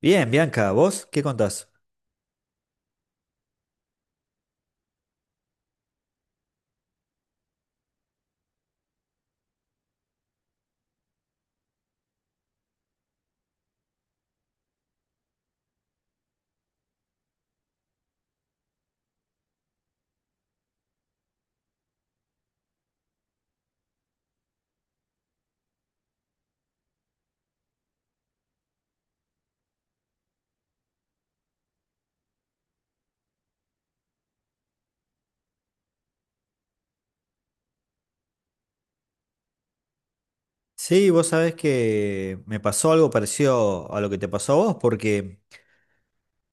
Bien, Bianca, ¿vos qué contás? Sí, vos sabés que me pasó algo parecido a lo que te pasó a vos, porque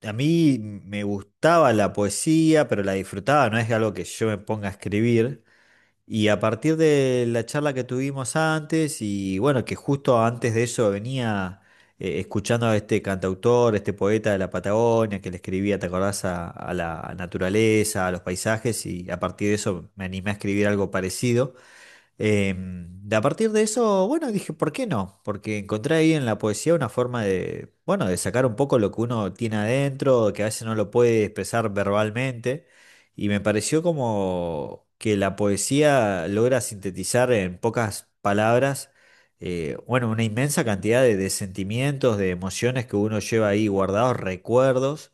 a mí me gustaba la poesía, pero la disfrutaba, no es algo que yo me ponga a escribir. Y a partir de la charla que tuvimos antes, y bueno, que justo antes de eso venía escuchando a este cantautor, este poeta de la Patagonia, que le escribía, ¿te acordás? A la naturaleza, a los paisajes, y a partir de eso me animé a escribir algo parecido. Em, de a partir de eso, bueno, dije, ¿por qué no? Porque encontré ahí en la poesía una forma de, bueno, de sacar un poco lo que uno tiene adentro, que a veces no lo puede expresar verbalmente, y me pareció como que la poesía logra sintetizar en pocas palabras. Bueno, una inmensa cantidad de, sentimientos, de emociones que uno lleva ahí guardados, recuerdos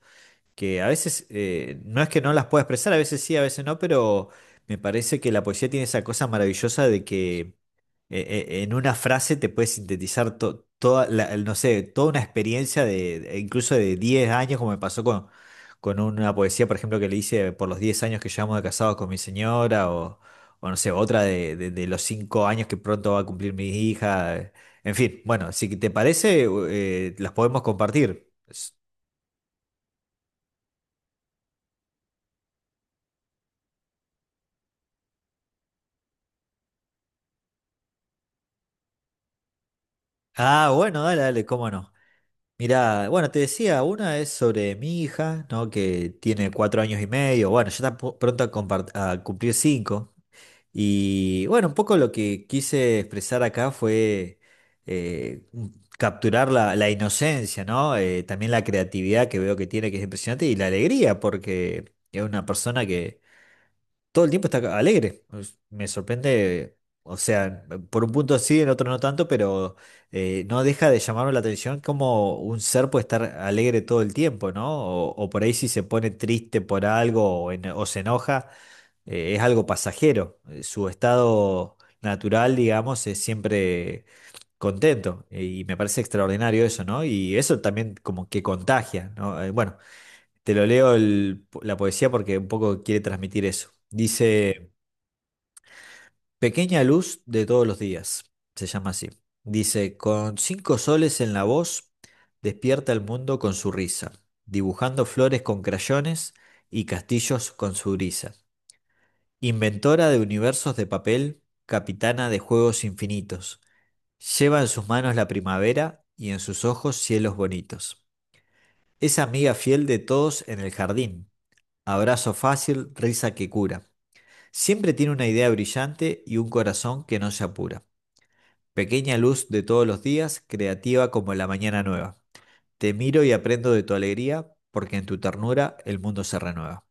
que a veces no es que no las pueda expresar, a veces sí, a veces no, pero me parece que la poesía tiene esa cosa maravillosa de que en una frase te puedes sintetizar toda la, no sé, toda una experiencia incluso de 10 años, como me pasó con una poesía, por ejemplo, que le hice por los 10 años que llevamos de casados con mi señora, o no sé, otra de los 5 años que pronto va a cumplir mi hija. En fin, bueno, si te parece, las podemos compartir. Ah, bueno, dale, dale, cómo no. Mirá, bueno, te decía, una es sobre mi hija, ¿no? Que tiene 4 años y medio, bueno, ya está pronto a cumplir 5. Y bueno, un poco lo que quise expresar acá fue capturar la inocencia, ¿no? También la creatividad que veo que tiene, que es impresionante, y la alegría, porque es una persona que todo el tiempo está alegre. Me sorprende, o sea, por un punto sí, en otro no tanto, pero no deja de llamarme la atención como un ser puede estar alegre todo el tiempo, ¿no? O por ahí si se pone triste por algo o se enoja, es algo pasajero. Su estado natural, digamos, es siempre contento. Y me parece extraordinario eso, ¿no? Y eso también como que contagia, ¿no? Bueno. Te lo leo la poesía porque un poco quiere transmitir eso. Dice: Pequeña luz de todos los días, se llama así. Dice, con cinco soles en la voz, despierta el mundo con su risa, dibujando flores con crayones y castillos con su brisa. Inventora de universos de papel, capitana de juegos infinitos, lleva en sus manos la primavera y en sus ojos cielos bonitos. Es amiga fiel de todos en el jardín, abrazo fácil, risa que cura. Siempre tiene una idea brillante y un corazón que no se apura. Pequeña luz de todos los días, creativa como la mañana nueva. Te miro y aprendo de tu alegría, porque en tu ternura el mundo se renueva.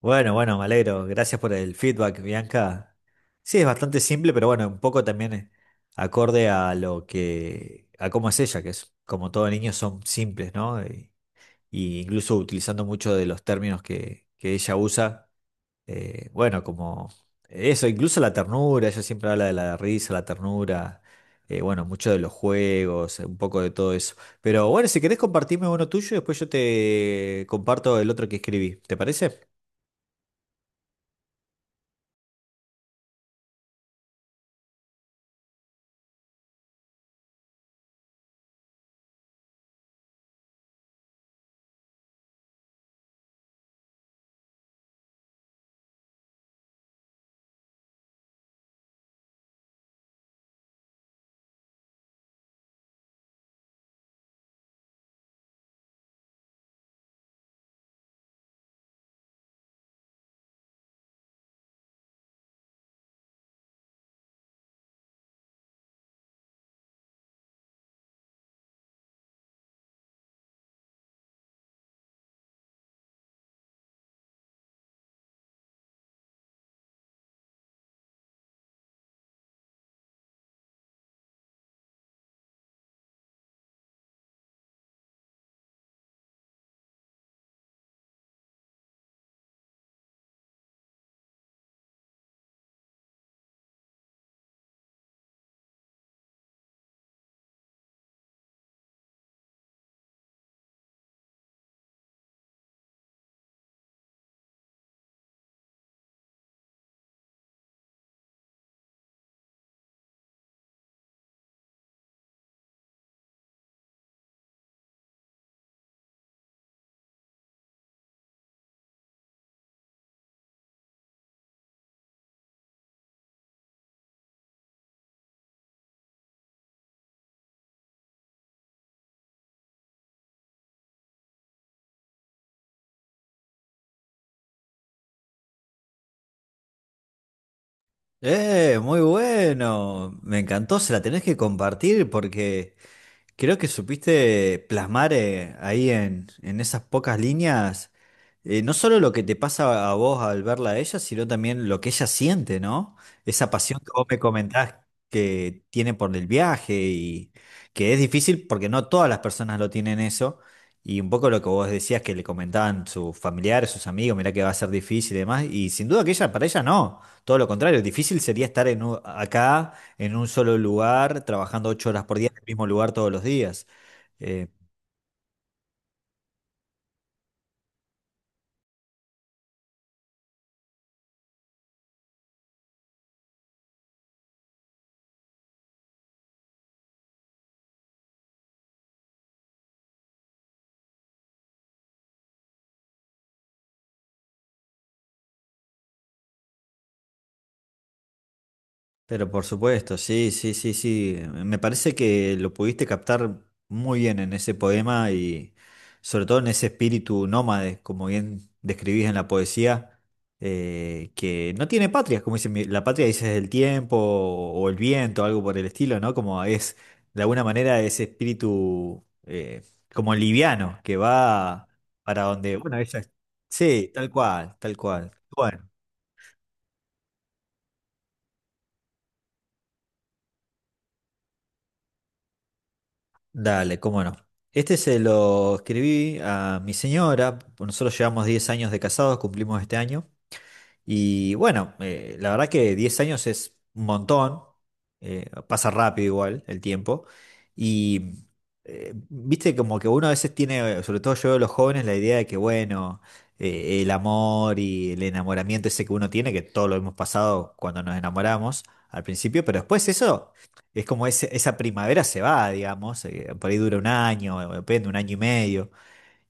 Bueno, bueno, me alegro. Gracias por el feedback, Bianca. Sí, es bastante simple, pero bueno, un poco también acorde a lo que, a cómo es ella, que es como todo niño son simples, ¿no? Y incluso utilizando mucho de los términos que ella usa, bueno, como eso, incluso la ternura, ella siempre habla de la risa, la ternura, bueno, mucho de los juegos, un poco de todo eso. Pero bueno, si querés compartirme uno tuyo, después yo te comparto el otro que escribí, ¿te parece? Muy bueno. Me encantó, se la tenés que compartir porque creo que supiste plasmar ahí en esas pocas líneas, no solo lo que te pasa a vos al verla a ella, sino también lo que ella siente, ¿no? Esa pasión que vos me comentás que tiene por el viaje y que es difícil porque no todas las personas lo tienen eso. Y un poco lo que vos decías que le comentaban sus familiares, sus amigos, mirá que va a ser difícil y demás. Y sin duda que ella, para ella no, todo lo contrario, difícil sería estar acá en un solo lugar, trabajando 8 horas por día en el mismo lugar todos los días. Eh, Pero por supuesto, sí, sí, sí, sí. Me parece que lo pudiste captar muy bien en ese poema y sobre todo en ese espíritu nómade, como bien describís en la poesía, que no tiene patria, como dice, la patria dices el tiempo o el viento, algo por el estilo, ¿no? Como es, de alguna manera, ese espíritu como liviano que va para donde, bueno. Sí, tal cual, tal cual. Bueno. Dale, cómo no. Este se lo escribí a mi señora. Nosotros llevamos 10 años de casados, cumplimos este año. Y bueno, la verdad que 10 años es un montón, pasa rápido igual el tiempo. Y viste como que uno a veces tiene, sobre todo yo de los jóvenes, la idea de que bueno, el amor y el enamoramiento ese que uno tiene, que todo lo hemos pasado cuando nos enamoramos al principio, pero después eso es como esa primavera se va, digamos, por ahí dura un año, depende, un año y medio.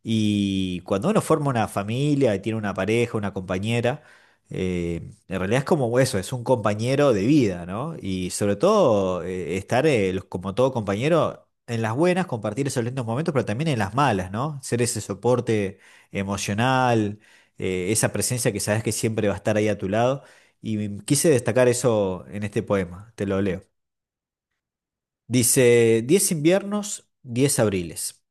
Y cuando uno forma una familia y tiene una pareja, una compañera, eh, en realidad es como eso, es un compañero de vida, ¿no? Y sobre todo estar, como todo compañero, en las buenas, compartir esos lindos momentos, pero también en las malas, ¿no? Ser ese soporte emocional, esa presencia que sabes que siempre va a estar ahí a tu lado. Y quise destacar eso en este poema, te lo leo. Dice, 10 inviernos, 10 abriles.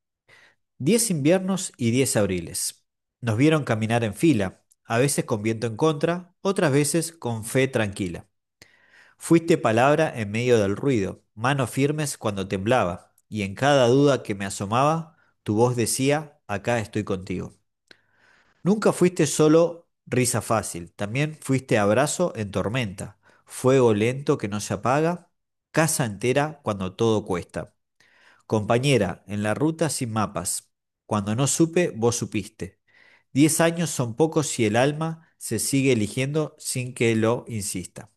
10 inviernos y 10 abriles. Nos vieron caminar en fila, a veces con viento en contra, otras veces con fe tranquila. Fuiste palabra en medio del ruido, manos firmes cuando temblaba, y en cada duda que me asomaba, tu voz decía, acá estoy contigo. Nunca fuiste solo risa fácil, también fuiste abrazo en tormenta, fuego lento que no se apaga, casa entera cuando todo cuesta. Compañera, en la ruta sin mapas. Cuando no supe, vos supiste. 10 años son pocos si el alma se sigue eligiendo sin que lo insista.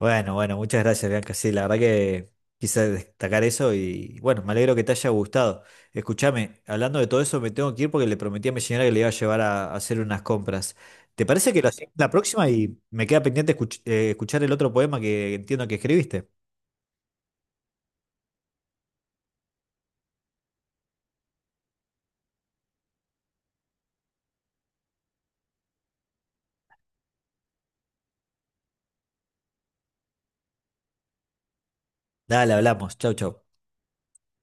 Bueno, bueno, muchas gracias, Bianca. Sí, la verdad que quise destacar eso y bueno, me alegro que te haya gustado. Escúchame, hablando de todo eso, me tengo que ir porque le prometí a mi señora que le iba a llevar a hacer unas compras. ¿Te parece que lo hacemos la próxima y me queda pendiente escuchar el otro poema que entiendo que escribiste? Dale, hablamos. Chau, chau.